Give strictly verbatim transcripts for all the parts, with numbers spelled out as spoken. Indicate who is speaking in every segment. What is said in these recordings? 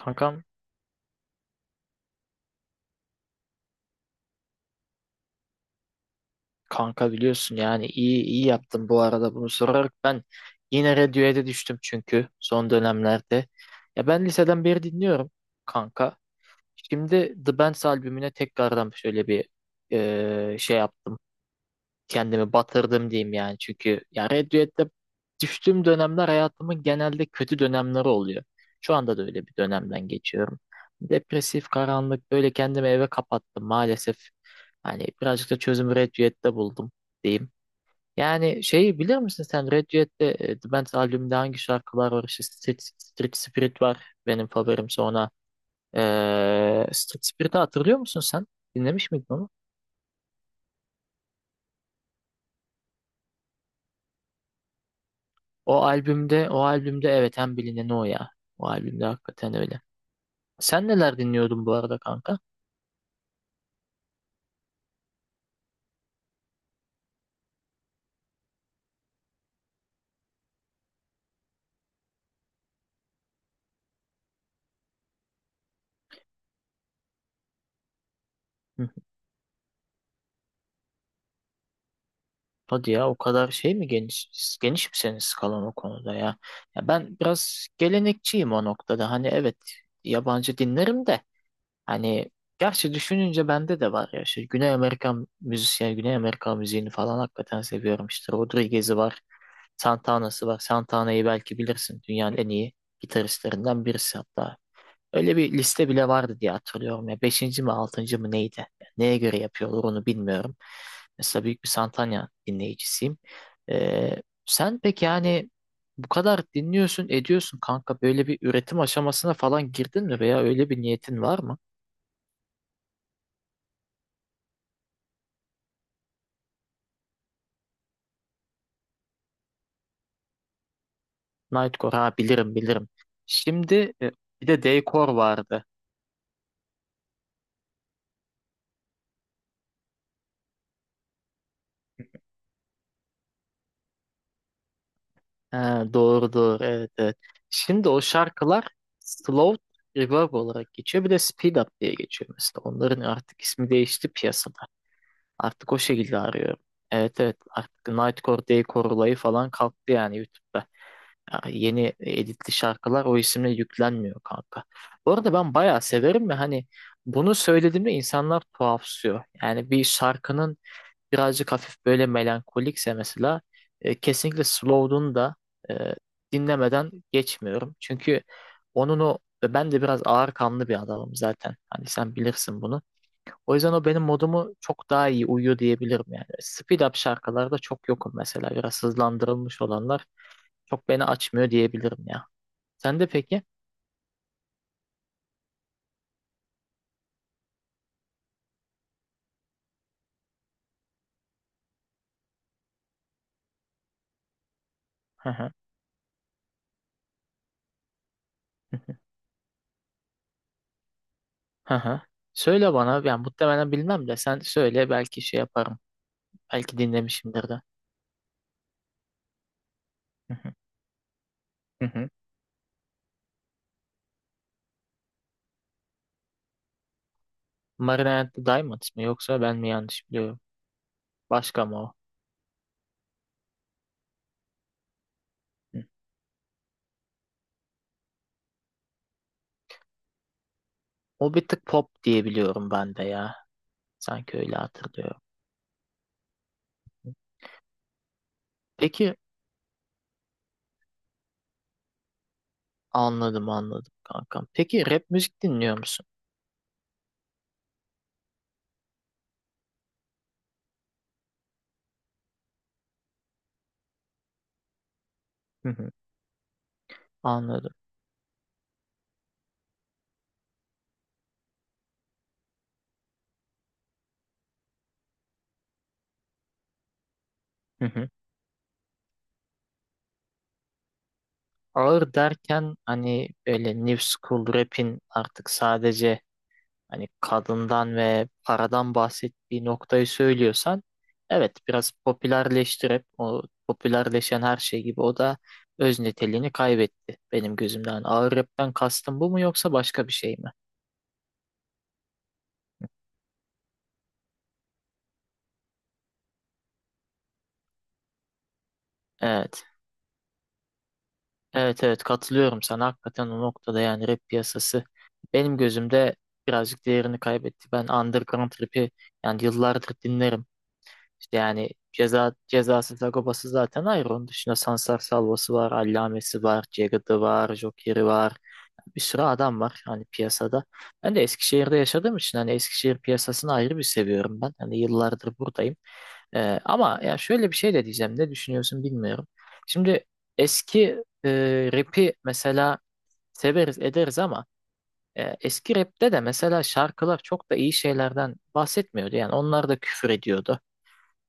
Speaker 1: Kankam, kanka biliyorsun yani iyi iyi yaptım bu arada bunu sorarak ben yine radyoya düştüm çünkü son dönemlerde. Ya ben liseden beri dinliyorum kanka. Şimdi The Bands albümüne tekrardan şöyle bir eee, şey yaptım. Kendimi batırdım diyeyim yani. Çünkü ya Red Duet'te düştüğüm dönemler hayatımın genelde kötü dönemleri oluyor. Şu anda da öyle bir dönemden geçiyorum. Depresif, karanlık böyle kendimi eve kapattım maalesef. Hani birazcık da çözümü Red Duet'te buldum diyeyim. Yani şeyi bilir misin sen Red Duet'te e, The Band's albümünde hangi şarkılar var? İşte Street, Street Spirit var benim favorim sonra. E, Street Spirit'i hatırlıyor musun sen? Dinlemiş miydin onu? O albümde, o albümde evet en bilineni o ya. O albümde hakikaten öyle. Sen neler dinliyordun bu arada kanka? Hı hı. Hadi ya o kadar şey mi, geniş geniş mi senin skalan o konuda ya? Ya ben biraz gelenekçiyim o noktada. Hani evet yabancı dinlerim de. Hani gerçi düşününce bende de var ya işte Güney Amerika müzisyen, Güney Amerika müziğini falan hakikaten seviyorum işte. Rodriguez'i var, Santana'sı var. Santana'yı belki bilirsin dünyanın en iyi gitaristlerinden birisi hatta. Öyle bir liste bile vardı diye hatırlıyorum ya. Beşinci mi altıncı mı neydi? Neye göre yapıyorlar onu bilmiyorum. Mesela büyük bir Santana dinleyicisiyim. Ee, sen peki yani bu kadar dinliyorsun, ediyorsun kanka böyle bir üretim aşamasına falan girdin mi veya öyle bir niyetin var mı? Nightcore ha, bilirim bilirim. Şimdi e, bir de Daycore vardı. Ha, doğru doğru evet evet. Şimdi o şarkılar Slow Reverb olarak geçiyor. Bir de Speed Up diye geçiyor mesela. Onların artık ismi değişti piyasada. Artık o şekilde arıyorum. Evet evet, artık Nightcore, Daycore olayı falan kalktı yani YouTube'da. Ya yeni editli şarkılar o isimle yüklenmiyor kanka. Bu arada ben bayağı severim ve hani bunu söylediğimde insanlar tuhafsıyor. Yani bir şarkının birazcık hafif böyle melankolikse mesela e, kesinlikle Slow'dun da e, dinlemeden geçmiyorum. Çünkü onun o e, ben de biraz ağır kanlı bir adamım zaten. Hani sen bilirsin bunu. O yüzden o benim modumu çok daha iyi uyuyor diyebilirim yani. Speed up şarkılarda çok yokum mesela. Biraz hızlandırılmış olanlar çok beni açmıyor diyebilirim ya. Sen de peki? Hı hı. Hı hı. Söyle bana. Yani muhtemelen bilmem de sen söyle, belki şey yaparım. Belki dinlemişimdir de. Hı hı. Hı hı. Marina and the Diamonds mı yoksa ben mi yanlış biliyorum? Başka mı o? Hı. O bir tık pop diye biliyorum ben de ya. Sanki öyle hatırlıyorum. Peki, anladım anladım kankam. Peki rap müzik dinliyor musun? Hı hı, anladım. Hı hı. Ağır derken hani böyle new school rap'in artık sadece hani kadından ve paradan bahsettiği noktayı söylüyorsan evet, biraz popülerleştirip o popülerleşen her şey gibi o da öz niteliğini kaybetti benim gözümden. Hani ağır rapten kastım bu mu yoksa başka bir şey mi? Evet. Evet evet, katılıyorum sana. Hakikaten o noktada yani rap piyasası benim gözümde birazcık değerini kaybetti. Ben underground rap'i yani yıllardır dinlerim. İşte yani ceza cezası Sagopa'sı zaten ayrı. Onun dışında Sansar Salva'sı var, Allame'si var, Jagged'ı var, Joker'i var. Bir sürü adam var hani piyasada. Ben de Eskişehir'de yaşadığım için hani Eskişehir piyasasını ayrı bir seviyorum ben. Hani yıllardır buradayım. Ee, ama ya şöyle bir şey de diyeceğim. Ne düşünüyorsun bilmiyorum. Şimdi eski e, rap'i mesela severiz ederiz ama e, eski rap'te de mesela şarkılar çok da iyi şeylerden bahsetmiyordu. Yani onlar da küfür ediyordu.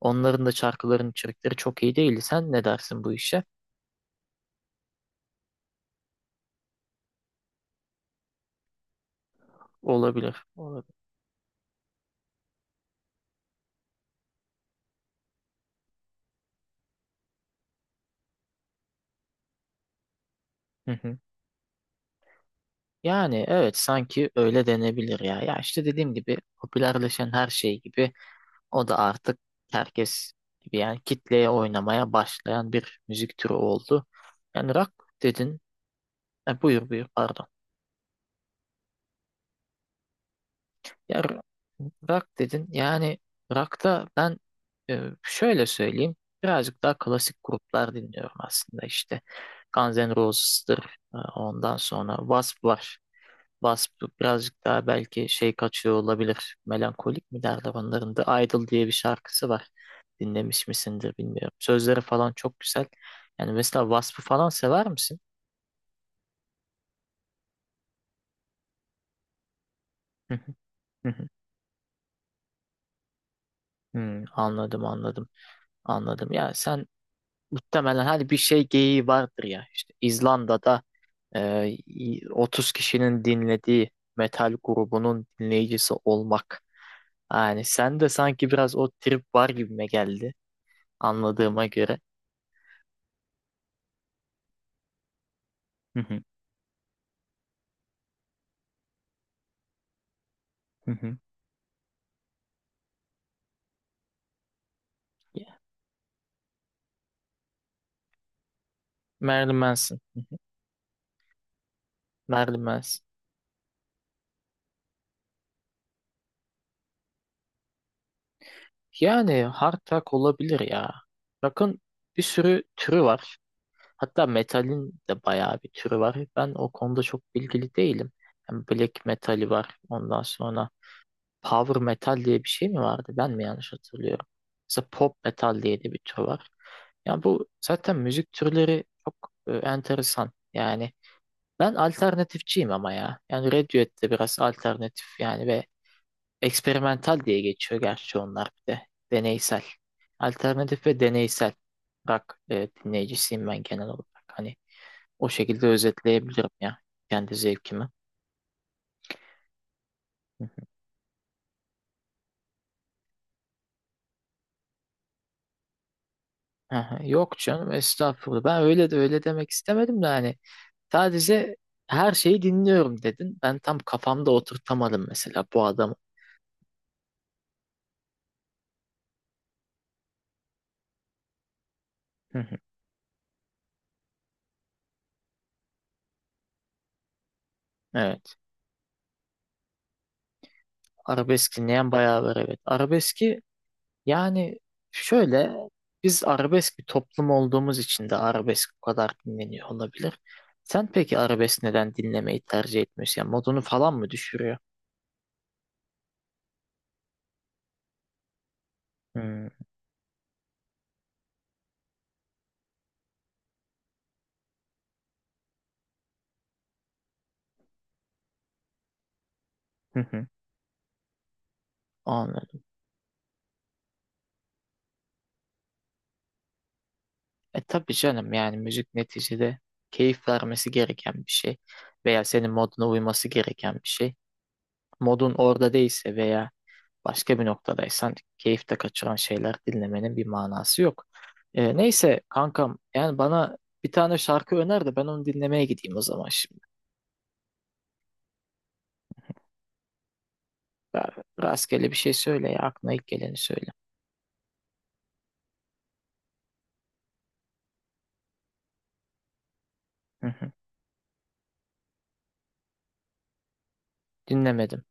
Speaker 1: Onların da şarkıların içerikleri çok iyi değildi. Sen ne dersin bu işe? Olabilir. Olabilir. Hı hı. Yani evet, sanki öyle denebilir ya. Ya işte dediğim gibi popülerleşen her şey gibi o da artık herkes gibi yani kitleye oynamaya başlayan bir müzik türü oldu. Yani rock dedin. E, buyur buyur pardon. Ya r- rock dedin. Yani rock'ta ben e, şöyle söyleyeyim. Birazcık daha klasik gruplar dinliyorum aslında işte. Guns N' Roses'tır. E, Ondan sonra Wasp var. Wasp birazcık daha belki şey kaçıyor olabilir. Melankolik mi derler onların da. Idol diye bir şarkısı var. Dinlemiş misindir bilmiyorum. Sözleri falan çok güzel. Yani mesela Wasp'ı falan sever misin? Hı hı, hı hı. Hmm, anladım anladım anladım. Ya sen muhtemelen hani bir şey geyiği vardır ya. İşte İzlanda'da e, otuz kişinin dinlediği metal grubunun dinleyicisi olmak. Yani sen de sanki biraz o trip var gibime geldi anladığıma göre. Hı hı, hı hı. Ya, Marilyn Manson. Hı hı. Marilyn Manson. Yani hard rock olabilir ya. Bakın bir sürü türü var. Hatta metalin de bayağı bir türü var. Ben o konuda çok bilgili değilim. Yani black metali var. Ondan sonra power metal diye bir şey mi vardı? Ben mi yanlış hatırlıyorum? Mesela pop metal diye de bir tür var. Ya bu zaten müzik türleri çok e, enteresan. Yani ben alternatifçiyim ama ya. Yani Radiohead de biraz alternatif yani ve eksperimental diye geçiyor gerçi onlar bir de. Deneysel. Alternatif ve deneysel rock e, dinleyicisiyim ben genel olarak. Hani o şekilde özetleyebilirim ya kendi zevkimi. Aha, yok canım estağfurullah. Ben öyle de öyle demek istemedim de hani sadece her şeyi dinliyorum dedin. Ben tam kafamda oturtamadım mesela bu adamı. Hı hı. Evet. Arabesk dinleyen bayağı var evet. Arabeski yani şöyle, biz arabesk bir toplum olduğumuz için de arabesk bu kadar dinleniyor olabilir. Sen peki arabesk neden dinlemeyi tercih etmiyorsun? Yani modunu falan mı düşürüyor? Hmm. Hı hı. Anladım. E tabii canım, yani müzik neticede keyif vermesi gereken bir şey veya senin moduna uyması gereken bir şey. Modun orada değilse veya başka bir noktadaysan keyif de kaçıran şeyler dinlemenin bir manası yok. Ee, neyse kankam, yani bana bir tane şarkı öner de ben onu dinlemeye gideyim o zaman şimdi. Ya, rastgele bir şey söyle ya, aklına ilk geleni söyle. Hı hı. Dinlemedim.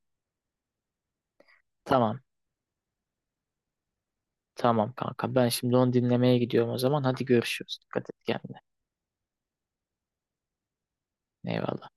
Speaker 1: Tamam tamam kanka, ben şimdi onu dinlemeye gidiyorum o zaman, hadi görüşürüz. Dikkat et kendine. Eyvallah.